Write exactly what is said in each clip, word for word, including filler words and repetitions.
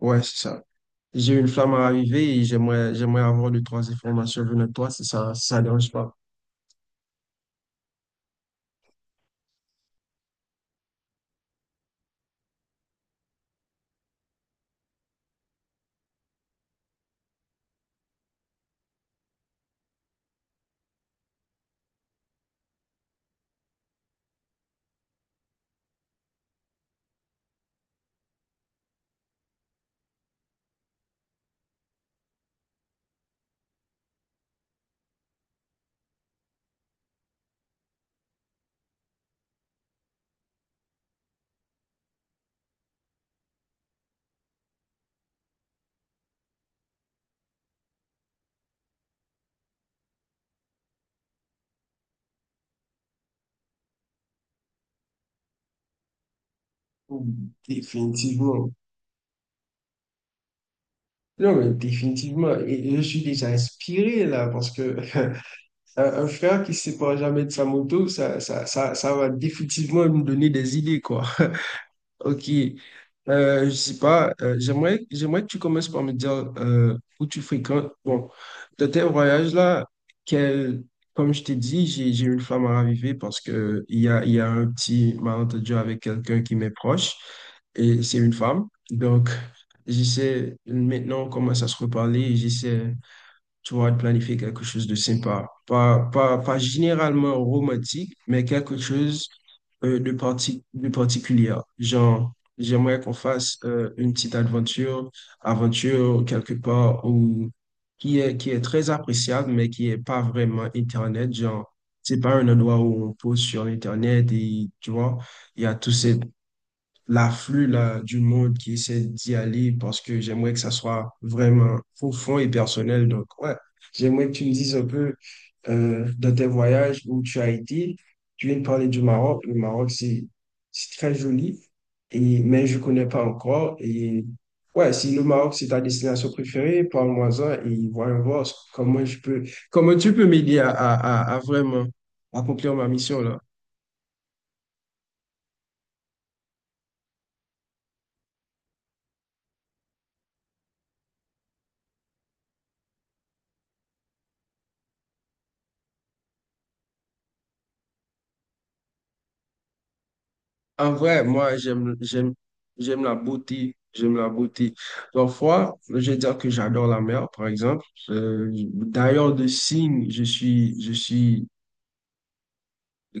Ouais, c'est ça. J'ai une flamme à raviver et j'aimerais, j'aimerais avoir deux, trois informations venant de toi, si ça, si ça dérange pas. Définitivement. Non, mais définitivement. Et je suis déjà inspiré là, parce que un, un frère qui ne se sépare jamais de sa moto, ça, ça, ça, ça va définitivement me donner des idées, quoi. Ok. Euh, je sais pas, euh, j'aimerais, j'aimerais que tu commences par me dire euh, où tu fréquentes. Bon, dans tes voyages-là, quel, comme je t'ai dit, j'ai, j'ai une flamme à raviver parce que il y a, il y a un petit malentendu avec quelqu'un qui m'est proche et c'est une femme. Donc, j'essaie, maintenant, on commence à se reparler et j'essaie tu vois, de planifier quelque chose de sympa. Pas, pas, pas généralement romantique, mais quelque chose euh, de, parti, de particulier. Genre, j'aimerais qu'on fasse euh, une petite aventure, aventure quelque part où, qui est, qui est très appréciable, mais qui est pas vraiment Internet. Genre, c'est pas un endroit où on pose sur Internet et tu vois, il y a tous ces, l'afflux là, du monde qui essaie d'y aller parce que j'aimerais que ça soit vraiment profond et personnel. Donc, ouais, j'aimerais que tu me dises un peu euh, dans tes voyages où tu as été. Tu viens de parler du Maroc. Le Maroc, c'est c'est très joli, et, mais je ne connais pas encore. Et ouais, si le Maroc, c'est ta destination préférée, parle-moi-en et voyons voir comment je peux, comment tu peux m'aider à, à, à à vraiment accomplir ma mission là. En vrai, moi, j'aime, j'aime, j'aime la beauté. J'aime la beauté. Parfois, je vais dire que j'adore la mer, par exemple. Euh, d'ailleurs, de signe, je suis, je suis,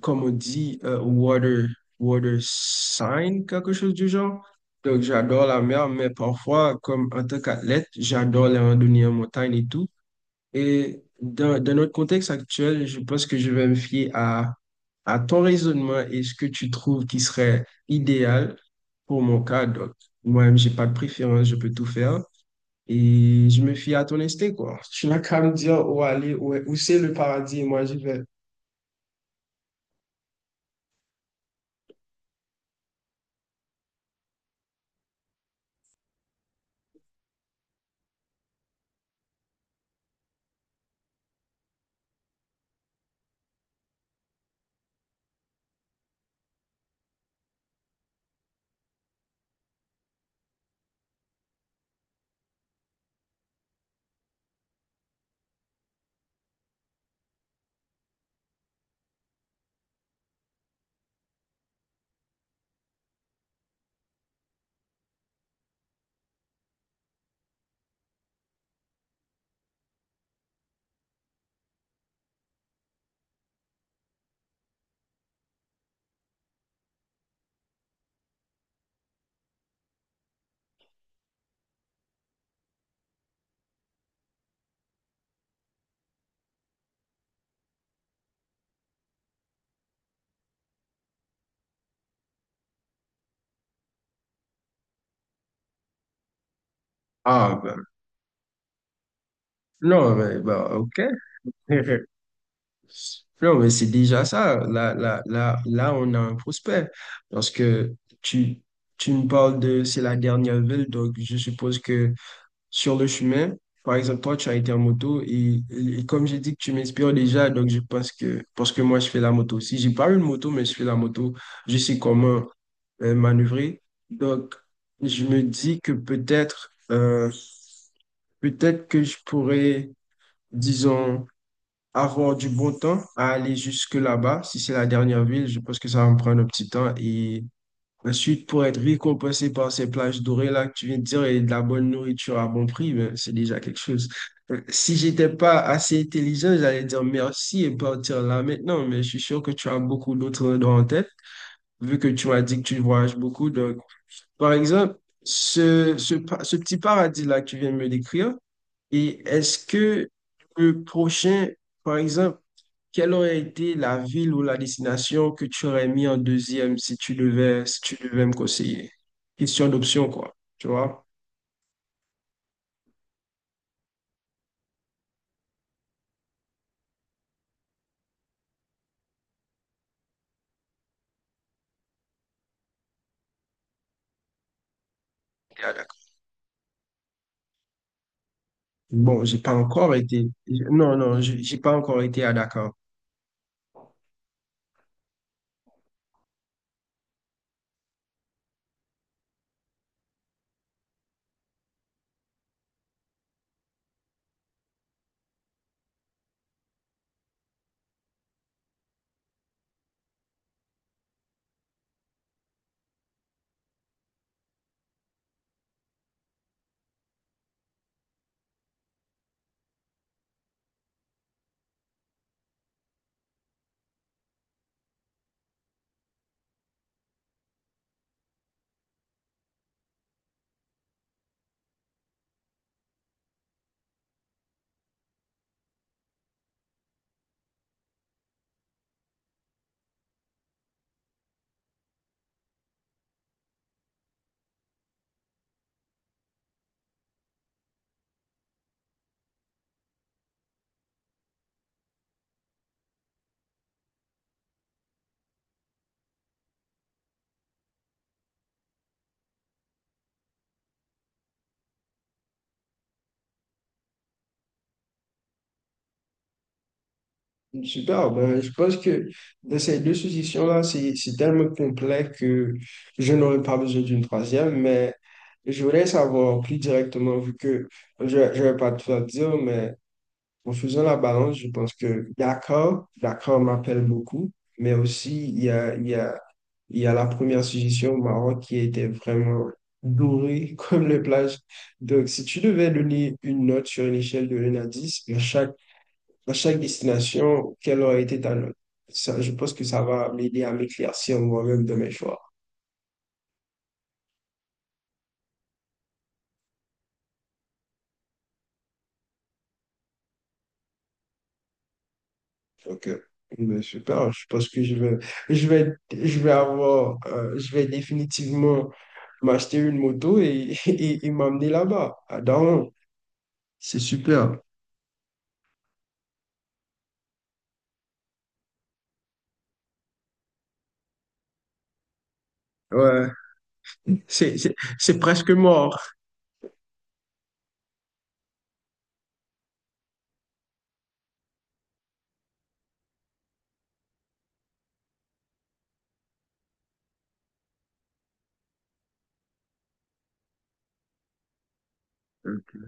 comme on dit, euh, water, water sign, quelque chose du genre. Donc, j'adore la mer, mais parfois, comme en tant qu'athlète, j'adore les randonnées en montagne et tout. Et dans, dans notre contexte actuel, je pense que je vais me fier à, à ton raisonnement et ce que tu trouves qui serait idéal pour mon cas. Donc, moi-même, j'ai pas de préférence, je peux tout faire. Et je me fie à ton instinct, quoi. Tu n'as qu'à me dire où aller, où, où c'est le paradis, et moi, je vais. Ah, ben, non, mais bon, OK. Non, mais c'est déjà ça. Là, là, là, là, on a un prospect. Parce que tu, tu me parles de c'est la dernière ville, donc je suppose que sur le chemin. Par exemple, toi, tu as été en moto et, et comme j'ai dit que tu m'inspires déjà, donc je pense que, parce que moi, je fais la moto. Si j'ai pas une moto, mais je fais la moto, je sais comment euh, manœuvrer. Donc, je me dis que peut-être, euh, peut-être que je pourrais, disons, avoir du bon temps à aller jusque là-bas. Si c'est la dernière ville, je pense que ça va me prendre un petit temps et ensuite, pour être récompensé par ces plages dorées là que tu viens de dire et de la bonne nourriture à bon prix, ben, c'est déjà quelque chose. Euh, Si j'étais pas assez intelligent, j'allais dire merci et partir là maintenant, mais je suis sûr que tu as beaucoup d'autres endroits en tête, vu que tu m'as dit que tu voyages beaucoup. Donc, par exemple, ce, ce, pa- ce petit paradis là que tu viens de me décrire, et est-ce que le prochain, par exemple, quelle aurait été la ville ou la destination que tu aurais mis en deuxième si tu devais, si tu devais me conseiller? Question d'option, quoi. Tu vois? Et à bon, j'ai pas encore été. Non, non, j'ai j'ai pas encore été à Dakar. Super, ben, je pense que dans ces deux suggestions-là, c'est c'est tellement complet que je n'aurais pas besoin d'une troisième, mais je voudrais savoir plus directement, vu que je ne vais pas tout dire, mais en faisant la balance, je pense que d'accord, d'accord m'appelle beaucoup, mais aussi il y a, il y a, il y a la première suggestion au Maroc qui était vraiment dorée comme les plages. Donc, si tu devais donner une note sur une échelle de un à dix à chaque, à chaque destination, quelle aurait été ta note? Ça, je pense que ça va m'aider à m'éclaircir moi-même de mes choix. Ok. Ben, super, je pense que je vais, je vais, je vais avoir, euh, je vais définitivement m'acheter une moto et, et, et m'emmener là-bas, à Daron. C'est super. Ouais, c'est, c'est, c'est presque mort. Ok.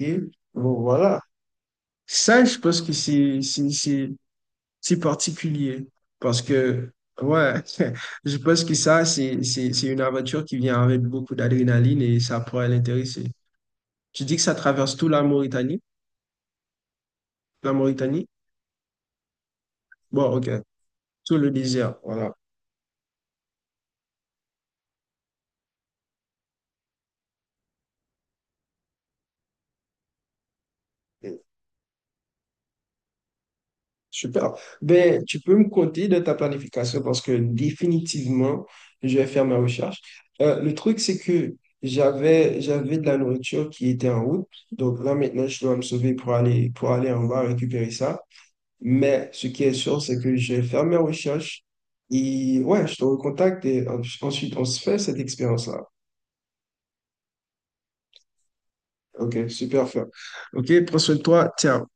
Ok. Bon, voilà. Ça, je pense que c'est, c'est, c'est, c'est particulier parce que, ouais, je pense que ça, c'est, c'est, c'est une aventure qui vient avec beaucoup d'adrénaline et ça pourrait l'intéresser. Tu dis que ça traverse tout la Mauritanie? La Mauritanie? Bon, ok. Tout le désert, voilà. Super. Ben, tu peux me compter de ta planification parce que définitivement, je vais faire ma recherche. Euh, le truc, c'est que j'avais, j'avais de la nourriture qui était en route. Donc là, maintenant, je dois me sauver pour aller, pour aller en bas récupérer ça. Mais ce qui est sûr, c'est que je vais faire mes recherches. Et ouais, je te recontacte et en- ensuite, on se fait cette expérience-là. Ok, super, fort. Ok, prends soin de toi. Tiens.